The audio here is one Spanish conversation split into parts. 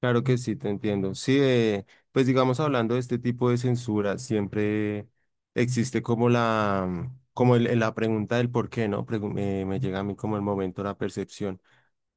Claro que sí, te entiendo. Sí, pues digamos, hablando de este tipo de censura, siempre existe como la pregunta del por qué, ¿no? Me llega a mí como el momento, la percepción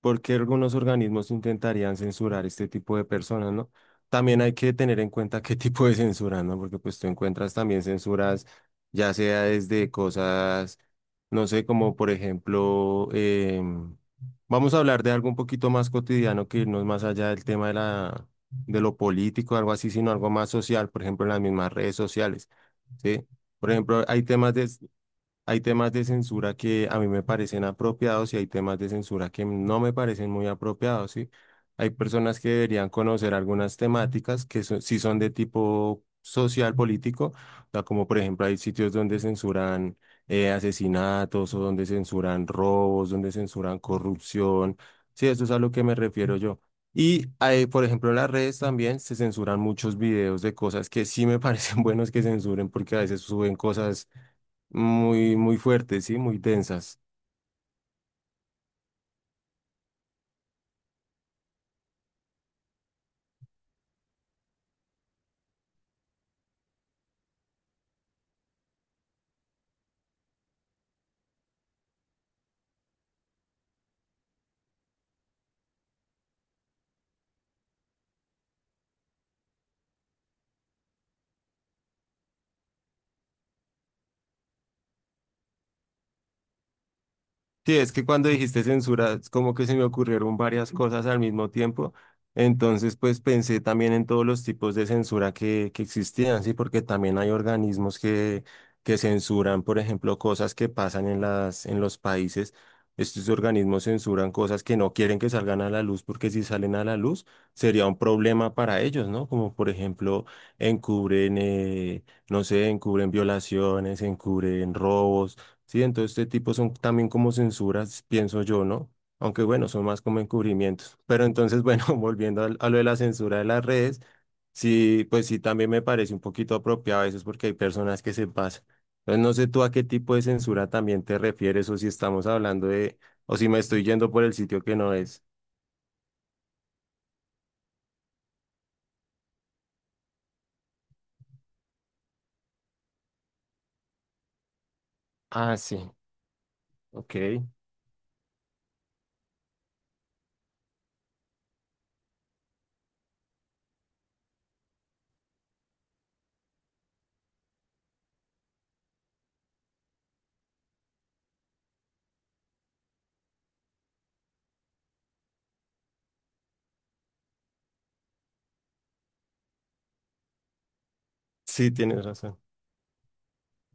porque algunos organismos intentarían censurar este tipo de personas, ¿no? También hay que tener en cuenta qué tipo de censura, ¿no? Porque pues tú encuentras también censuras, ya sea desde cosas, no sé, como por ejemplo, vamos a hablar de algo un poquito más cotidiano que irnos más allá del tema de de lo político, algo así, sino algo más social, por ejemplo, en las mismas redes sociales, ¿sí? Por ejemplo, hay temas de censura que a mí me parecen apropiados y hay temas de censura que no me parecen muy apropiados, ¿sí? Hay personas que deberían conocer algunas temáticas que sí son de tipo social, político, o sea, como por ejemplo hay sitios donde censuran asesinatos o donde censuran robos, donde censuran corrupción, sí, eso es a lo que me refiero yo. Y hay, por ejemplo, en las redes también se censuran muchos videos de cosas que sí me parecen buenos que censuren porque a veces suben cosas muy, muy fuertes, ¿sí? Muy densas. Sí, es que cuando dijiste censura, es como que se me ocurrieron varias cosas al mismo tiempo. Entonces, pues pensé también en todos los tipos de censura que existían, sí, porque también hay organismos que censuran, por ejemplo, cosas que pasan en en los países. Estos organismos censuran cosas que no quieren que salgan a la luz, porque si salen a la luz sería un problema para ellos, ¿no? Como por ejemplo, encubren, no sé, encubren violaciones, encubren robos. Sí, entonces este tipo son también como censuras, pienso yo, ¿no? Aunque bueno, son más como encubrimientos. Pero entonces, bueno, volviendo lo de la censura de las redes, sí, pues sí, también me parece un poquito apropiado a veces porque hay personas que se pasan. Entonces, no sé tú a qué tipo de censura también te refieres o si estamos hablando de, o si me estoy yendo por el sitio que no es. Ah, sí, ok. Sí, tienes razón.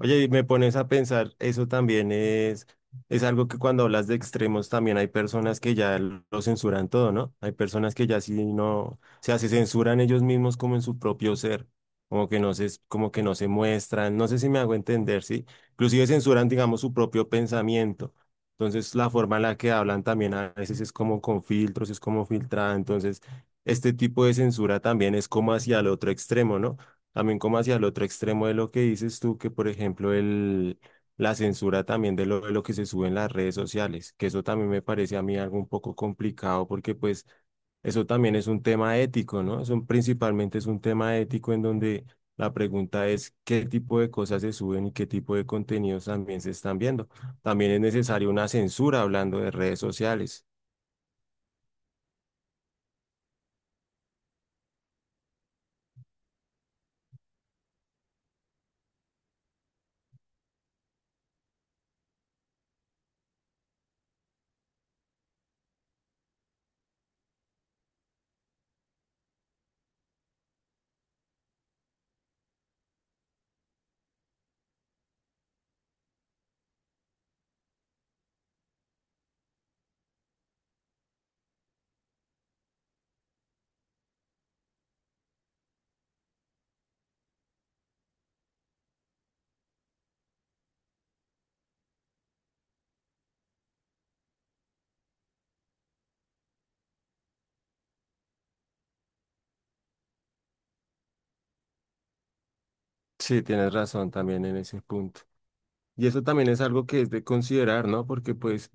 Oye, y me pones a pensar, eso también es algo que cuando hablas de extremos también hay personas que ya lo censuran todo, ¿no? Hay personas que ya sí no, o sea, se censuran ellos mismos como en su propio ser, como que no se, como que no se muestran, no sé si me hago entender, ¿sí? Inclusive censuran, digamos, su propio pensamiento. Entonces, la forma en la que hablan también a veces es como con filtros, es como filtrada. Entonces, este tipo de censura también es como hacia el otro extremo, ¿no? También como hacia el otro extremo de lo que dices tú, que por ejemplo la censura también de de lo que se sube en las redes sociales, que eso también me parece a mí algo un poco complicado porque pues eso también es un tema ético, ¿no? Eso principalmente es un tema ético en donde la pregunta es qué tipo de cosas se suben y qué tipo de contenidos también se están viendo. También es necesaria una censura hablando de redes sociales. Sí, tienes razón también en ese punto. Y eso también es algo que es de considerar, ¿no? Porque pues...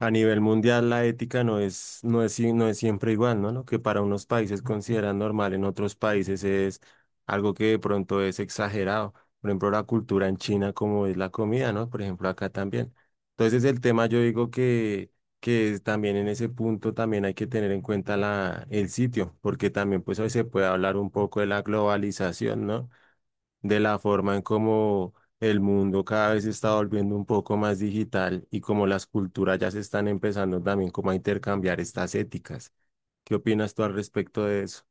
A nivel mundial, la ética no es siempre igual, ¿no? Lo que para unos países consideran normal, en otros países es algo que de pronto es exagerado. Por ejemplo, la cultura en China, como es la comida, ¿no? Por ejemplo, acá también. Entonces, el tema yo digo que es también en ese punto también hay que tener en cuenta el sitio, porque también pues hoy se puede hablar un poco de la globalización, ¿no? De la forma en cómo el mundo cada vez se está volviendo un poco más digital y como las culturas ya se están empezando también como a intercambiar estas éticas. ¿Qué opinas tú al respecto de eso?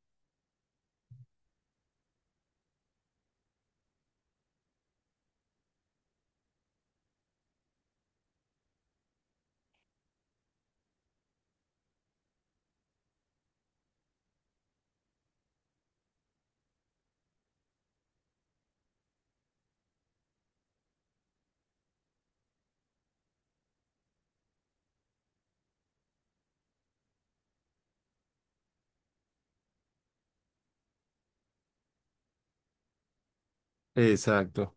Exacto.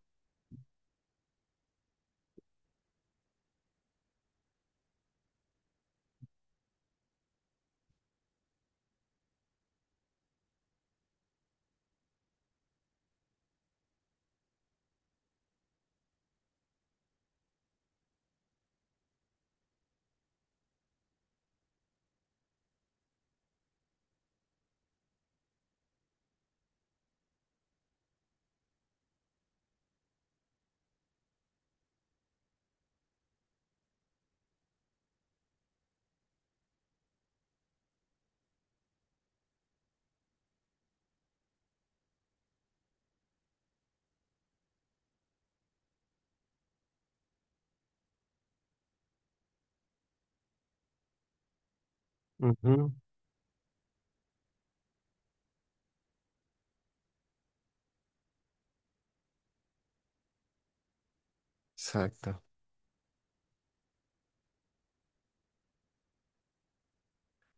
Ujú. Exacto.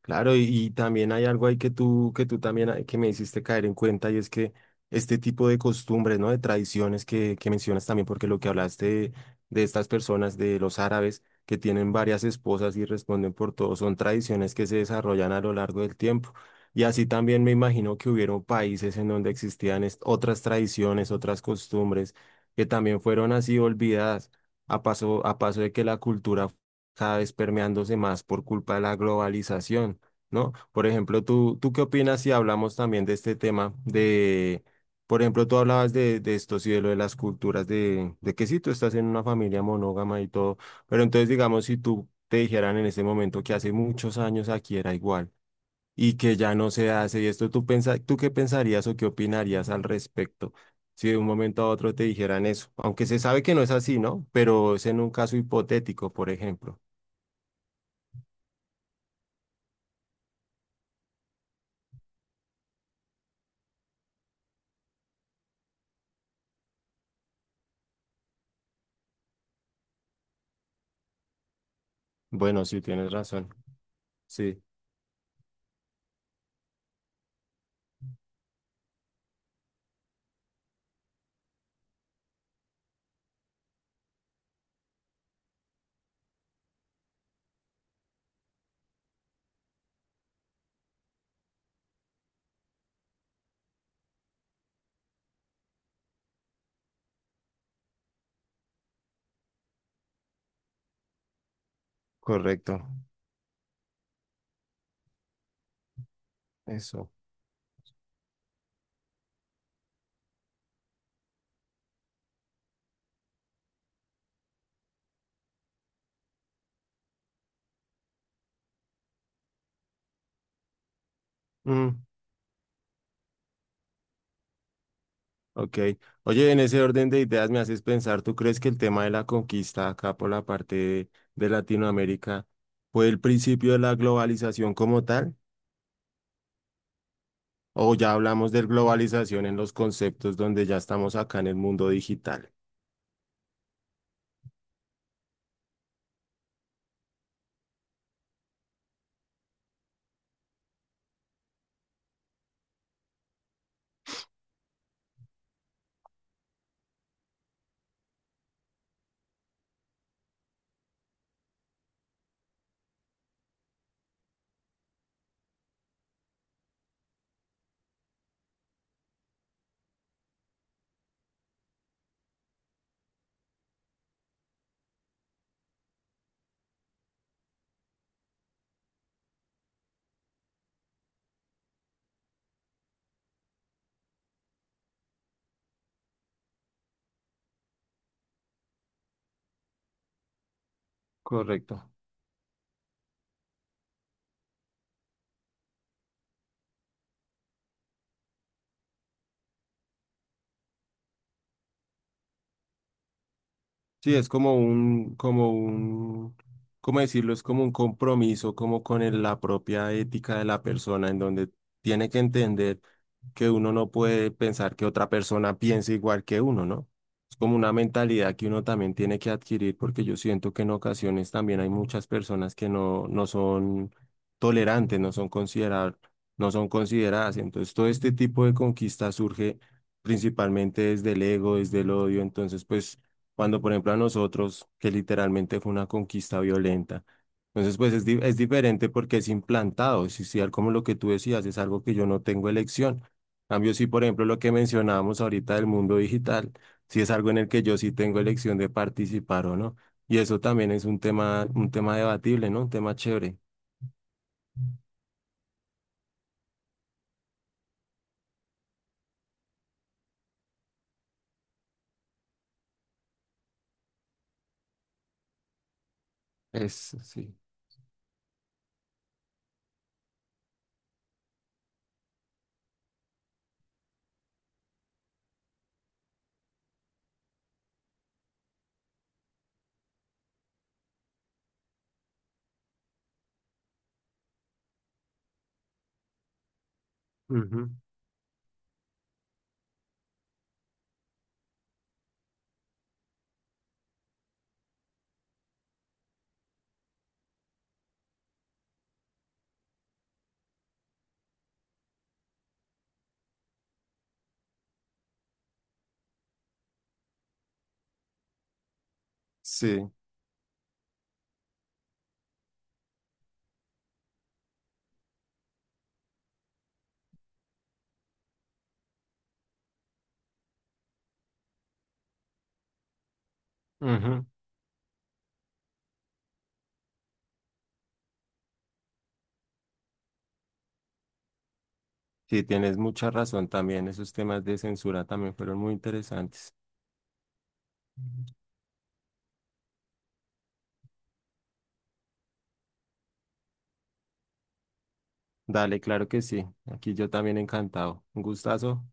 Claro, y también hay algo ahí que tú también hay- que me hiciste caer en cuenta y es que este tipo de costumbres, ¿no? De tradiciones que mencionas también, porque lo que hablaste de estas personas, de los árabes, que tienen varias esposas y responden por todo, son tradiciones que se desarrollan a lo largo del tiempo. Y así también me imagino que hubieron países en donde otras tradiciones, otras costumbres, que también fueron así olvidadas a paso de que la cultura cada vez permeándose más por culpa de la globalización. ¿No? Por ejemplo, ¿tú qué opinas si hablamos también de este tema de, por ejemplo, tú hablabas de esto, sí, de lo de las culturas, de que sí, tú estás en una familia monógama y todo, pero entonces, digamos, si tú te dijeran en ese momento que hace muchos años aquí era igual y que ya no se hace y esto, tú qué pensarías o qué opinarías al respecto? Si de un momento a otro te dijeran eso, aunque se sabe que no es así, ¿no? Pero es en un caso hipotético, por ejemplo. Bueno, sí, tienes razón. Sí, correcto. Eso. Mm, ok. Oye, en ese orden de ideas me haces pensar, ¿tú crees que el tema de la conquista acá por la parte de Latinoamérica fue el principio de la globalización como tal? ¿O ya hablamos de globalización en los conceptos donde ya estamos acá en el mundo digital? Correcto. Sí, es como un, ¿cómo decirlo? Es como un compromiso, como con la propia ética de la persona, en donde tiene que entender que uno no puede pensar que otra persona piense igual que uno, ¿no? Es como una mentalidad que uno también tiene que adquirir, porque yo siento que en ocasiones también hay muchas personas que no son tolerantes, no son considerar, no son consideradas. Entonces, todo este tipo de conquista surge principalmente desde el ego, desde el odio. Entonces, pues cuando por ejemplo a nosotros, que literalmente fue una conquista violenta. Entonces, pues es diferente porque es implantado, es social como lo que tú decías, es algo que yo no tengo elección. En cambio, sí, por ejemplo, lo que mencionábamos ahorita del mundo digital, sí es algo en el que yo sí tengo elección de participar o no. Y eso también es un tema debatible, ¿no? Un tema chévere. Es, sí. Ujú. Sí. Ujú. Sí, tienes mucha razón también. Esos temas de censura también fueron muy interesantes. Dale, claro que sí. Aquí yo también encantado. Un gustazo.